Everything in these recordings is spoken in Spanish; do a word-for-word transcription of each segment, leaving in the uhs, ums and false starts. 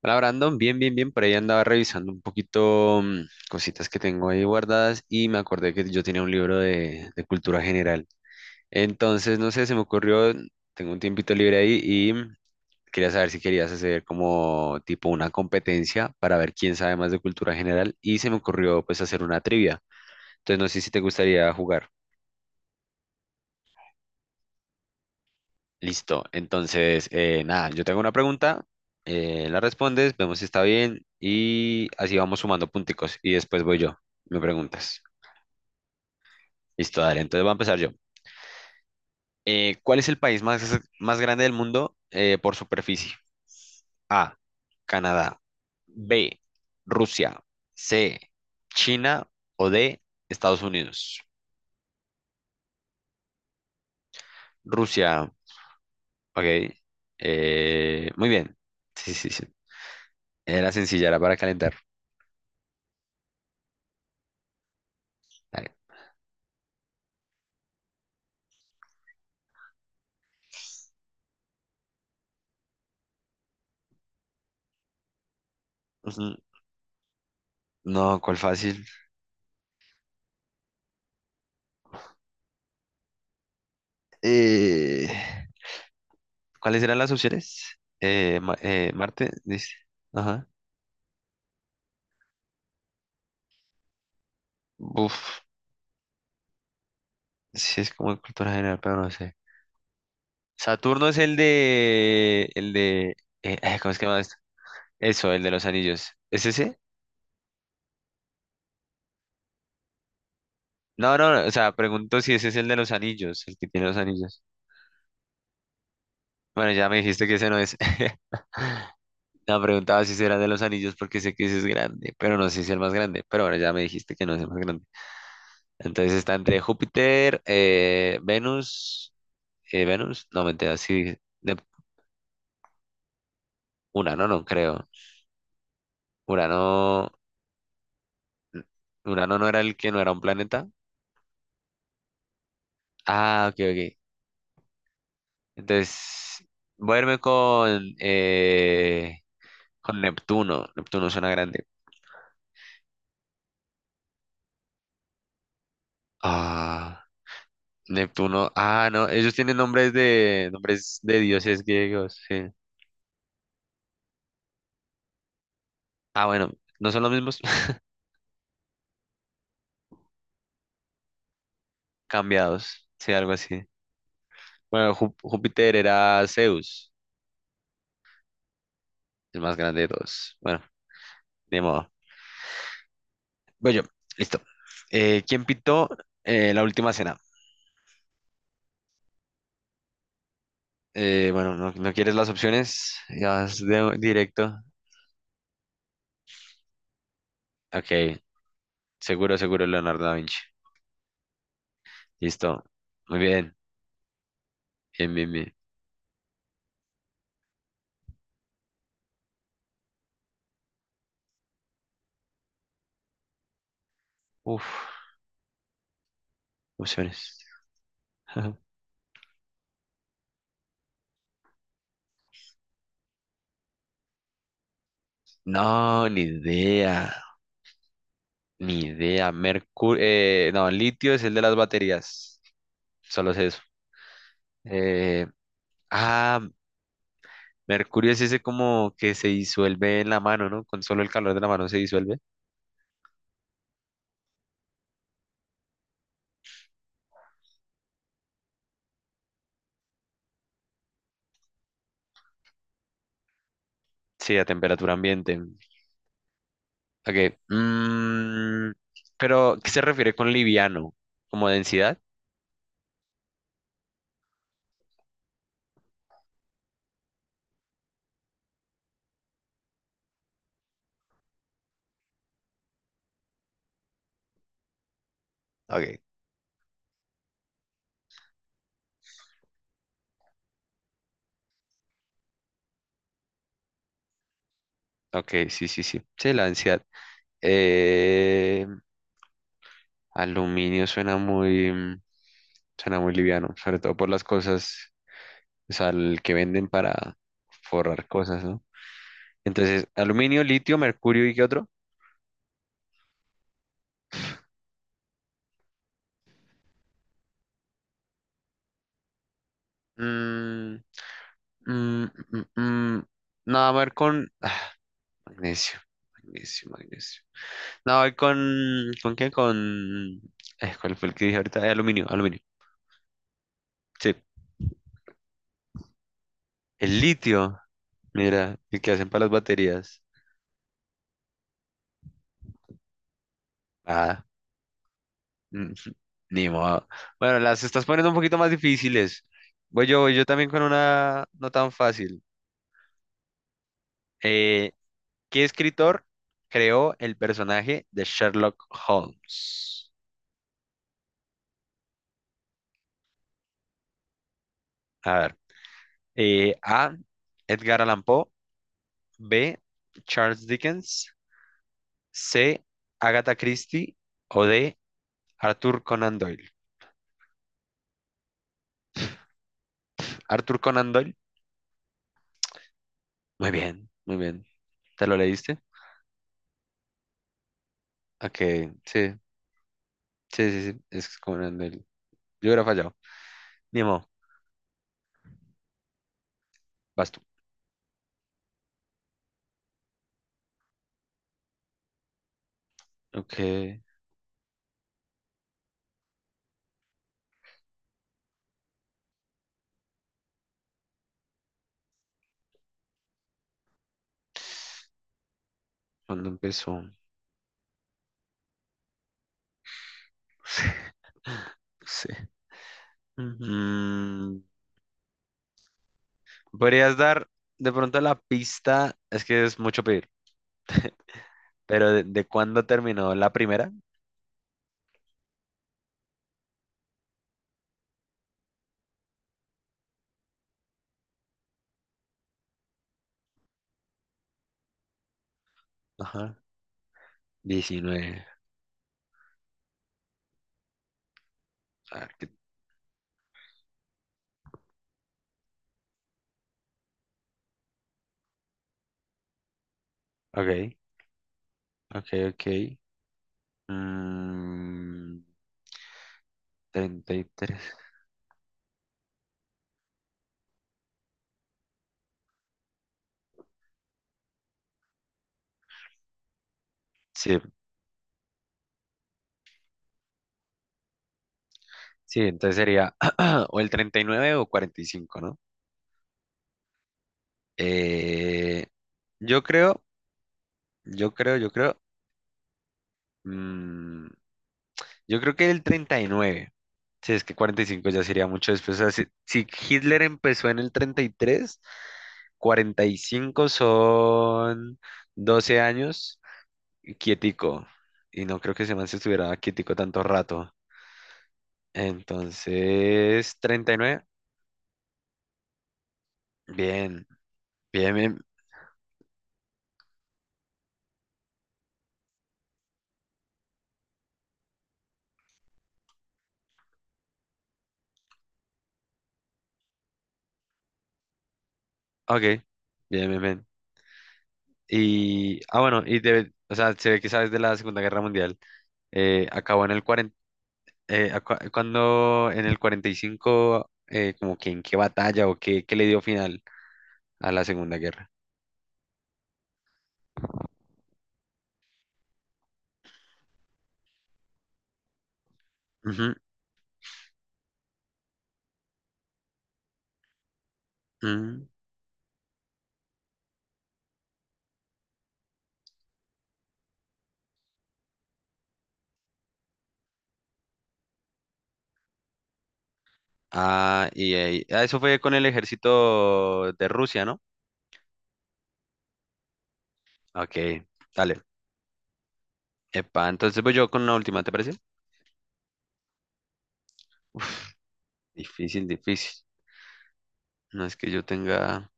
Hola Brandon, bien, bien, bien. Por ahí andaba revisando un poquito mm, cositas que tengo ahí guardadas y me acordé que yo tenía un libro de, de cultura general. Entonces, no sé, se me ocurrió, tengo un tiempito libre ahí y mm, quería saber si querías hacer como tipo una competencia para ver quién sabe más de cultura general y se me ocurrió pues hacer una trivia. Entonces, no sé si te gustaría jugar. Listo. Entonces, eh, nada, yo tengo una pregunta, eh, la respondes, vemos si está bien y así vamos sumando punticos y después voy yo, me preguntas. Listo, dale. Entonces voy a empezar yo. Eh, ¿cuál es el país más, más grande del mundo eh, por superficie? A, Canadá. B, Rusia. C, China o D, Estados Unidos. Rusia, ok. Eh, muy bien. Sí, sí, sí. Era sencilla, era para calentar. Dale. Ujú. No, ¿cuál fácil? Eh, ¿Cuáles eran las opciones? Eh, Ma- eh, Marte, dice. Ajá. Uf, sí es como de cultura general, pero no sé. Saturno es el de, el de, eh, ay, ¿cómo es que se llama esto? Eso, el de los anillos. ¿Es ese? No, no, no, o sea, pregunto si ese es el de los anillos, el que tiene los anillos. Bueno, ya me dijiste que ese no es. No, preguntaba si ese era el de los anillos porque sé que ese es grande, pero no sé si es el más grande. Pero bueno, ya me dijiste que no es el más grande. Entonces está entre Júpiter, eh, Venus, eh, Venus, no mentira, sí, Nep- Urano no creo. Urano, Urano no era el que no era un planeta. Ah, ok, ok. Entonces voy a irme con, eh, con Neptuno. Neptuno suena grande. Ah, Neptuno. Ah, no, ellos tienen nombres de nombres de dioses griegos, sí. Ah, bueno, no son los mismos. Cambiados, sí, algo así. Bueno, Jú- Júpiter era Zeus. El más grande de todos. Bueno, de modo. Voy yo. Listo. Eh, ¿quién pintó eh, la última cena? Eh, bueno, no, no quieres las opciones. Ya vas de- directo. Ok. Seguro, seguro, Leonardo da Vinci. Listo. Muy bien. Bien, bien, bien. Uf, opciones. No, ni idea. Ni idea. Mercurio. Eh, no, litio es el de las baterías. Solo sé eso. Eh, ah, Mercurio es ese como que se disuelve en la mano, ¿no? Con solo el calor de la mano se disuelve. Sí, a temperatura ambiente. Ok. mm, pero, ¿qué se refiere con liviano? ¿Como densidad? Ok. Ok, sí, sí, sí. Sí, la densidad. Eh, Aluminio suena muy, mm, suena muy liviano, sobre todo por las cosas, o sea, el que venden para forrar cosas, ¿no? Entonces, aluminio, litio, mercurio y ¿qué otro? Mm, Mm, mm, mm. No, a ver con magnesio, magnesio, magnesio. No, voy con ¿con qué? Con eh, ¿cuál fue el que dije ahorita? Eh, aluminio, aluminio. Sí. El litio, mira, el que hacen para las baterías. Ah, mm, ni modo. Bueno, las estás poniendo un poquito más difíciles. Voy yo, voy yo también con una no tan fácil. Eh, ¿Qué escritor creó el personaje de Sherlock Holmes? A ver. Eh, A. Edgar Allan Poe. B. Charles Dickens. C. Agatha Christie. O D. Arthur Conan Doyle. Arthur Conan Doyle. Muy bien, muy bien. ¿Te lo leíste? Ok, sí, sí, sí, sí. Es Conan Doyle. Yo hubiera fallado. Ni modo, vas tú. Ok, ¿cuándo empezó? Sí. Mm, ¿Podrías dar de pronto la pista? Es que es mucho pedir, pero ¿de, de cuándo terminó la primera? Ajá. Diecinueve, a ver, qué- ok, ok, ok. Mm, treinta y tres. Sí, sí, entonces sería o el treinta y nueve o cuarenta y cinco, ¿no? Eh, yo creo, yo creo, yo creo. mm, yo creo que el treinta y nueve. Sí, es que cuarenta y cinco ya sería mucho después. O sea, si, si Hitler empezó en el treinta y tres, cuarenta y cinco son doce años. Quietico. Y no creo que ese man se estuviera quietico tanto rato. Entonces, treinta y nueve. Bien, bien, bien. Ok, bien, bien, bien. Y, ah, bueno, y debe- o sea, se ve que sabes de la Segunda Guerra Mundial. Eh, acabó en el cuarenta, eh, acua- cuando en el cuarenta y cinco eh, como que en qué batalla o qué, qué le dio final a la Segunda Guerra. Ujú, ujú. Ah, y ahí- ah, eso fue con el ejército de Rusia, ¿no? Ok, dale. Epa, entonces voy yo con la última, ¿te parece? Uf, difícil, difícil. No es que yo tenga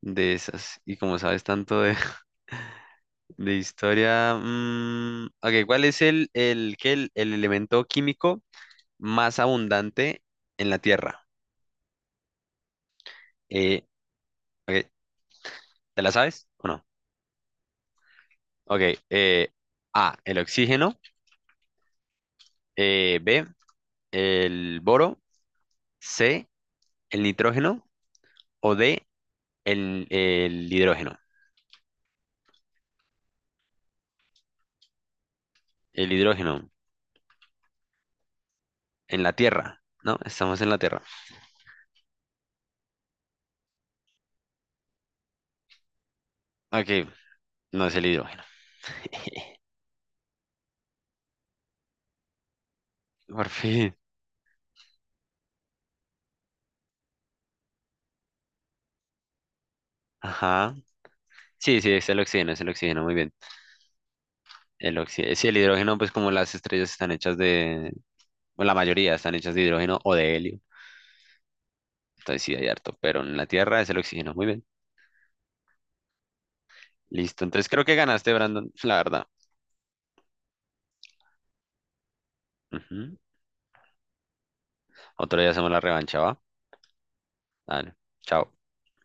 de esas. Y como sabes tanto de, de historia. Mm, ok, ¿cuál es el, el, qué, el, el elemento químico más abundante en la Tierra? Eh, ok, ¿te la sabes o no? Ok, eh, A, el oxígeno. eh, B, el boro. C, el nitrógeno. O D, el, el hidrógeno. El hidrógeno en la Tierra, ¿no? Estamos en la Tierra. Ok, no es el hidrógeno. Por fin. Ajá. Sí, sí, es el oxígeno, es el oxígeno, muy bien. El oxi- eh, Sí, el hidrógeno, pues como las estrellas están hechas de, bueno, la mayoría están hechas de hidrógeno o de helio. Entonces sí, hay harto, pero en la Tierra es el oxígeno, muy bien. Listo, entonces creo que ganaste, Brandon, la verdad. Ujú. Otro día hacemos la revancha, ¿va? Dale, chao.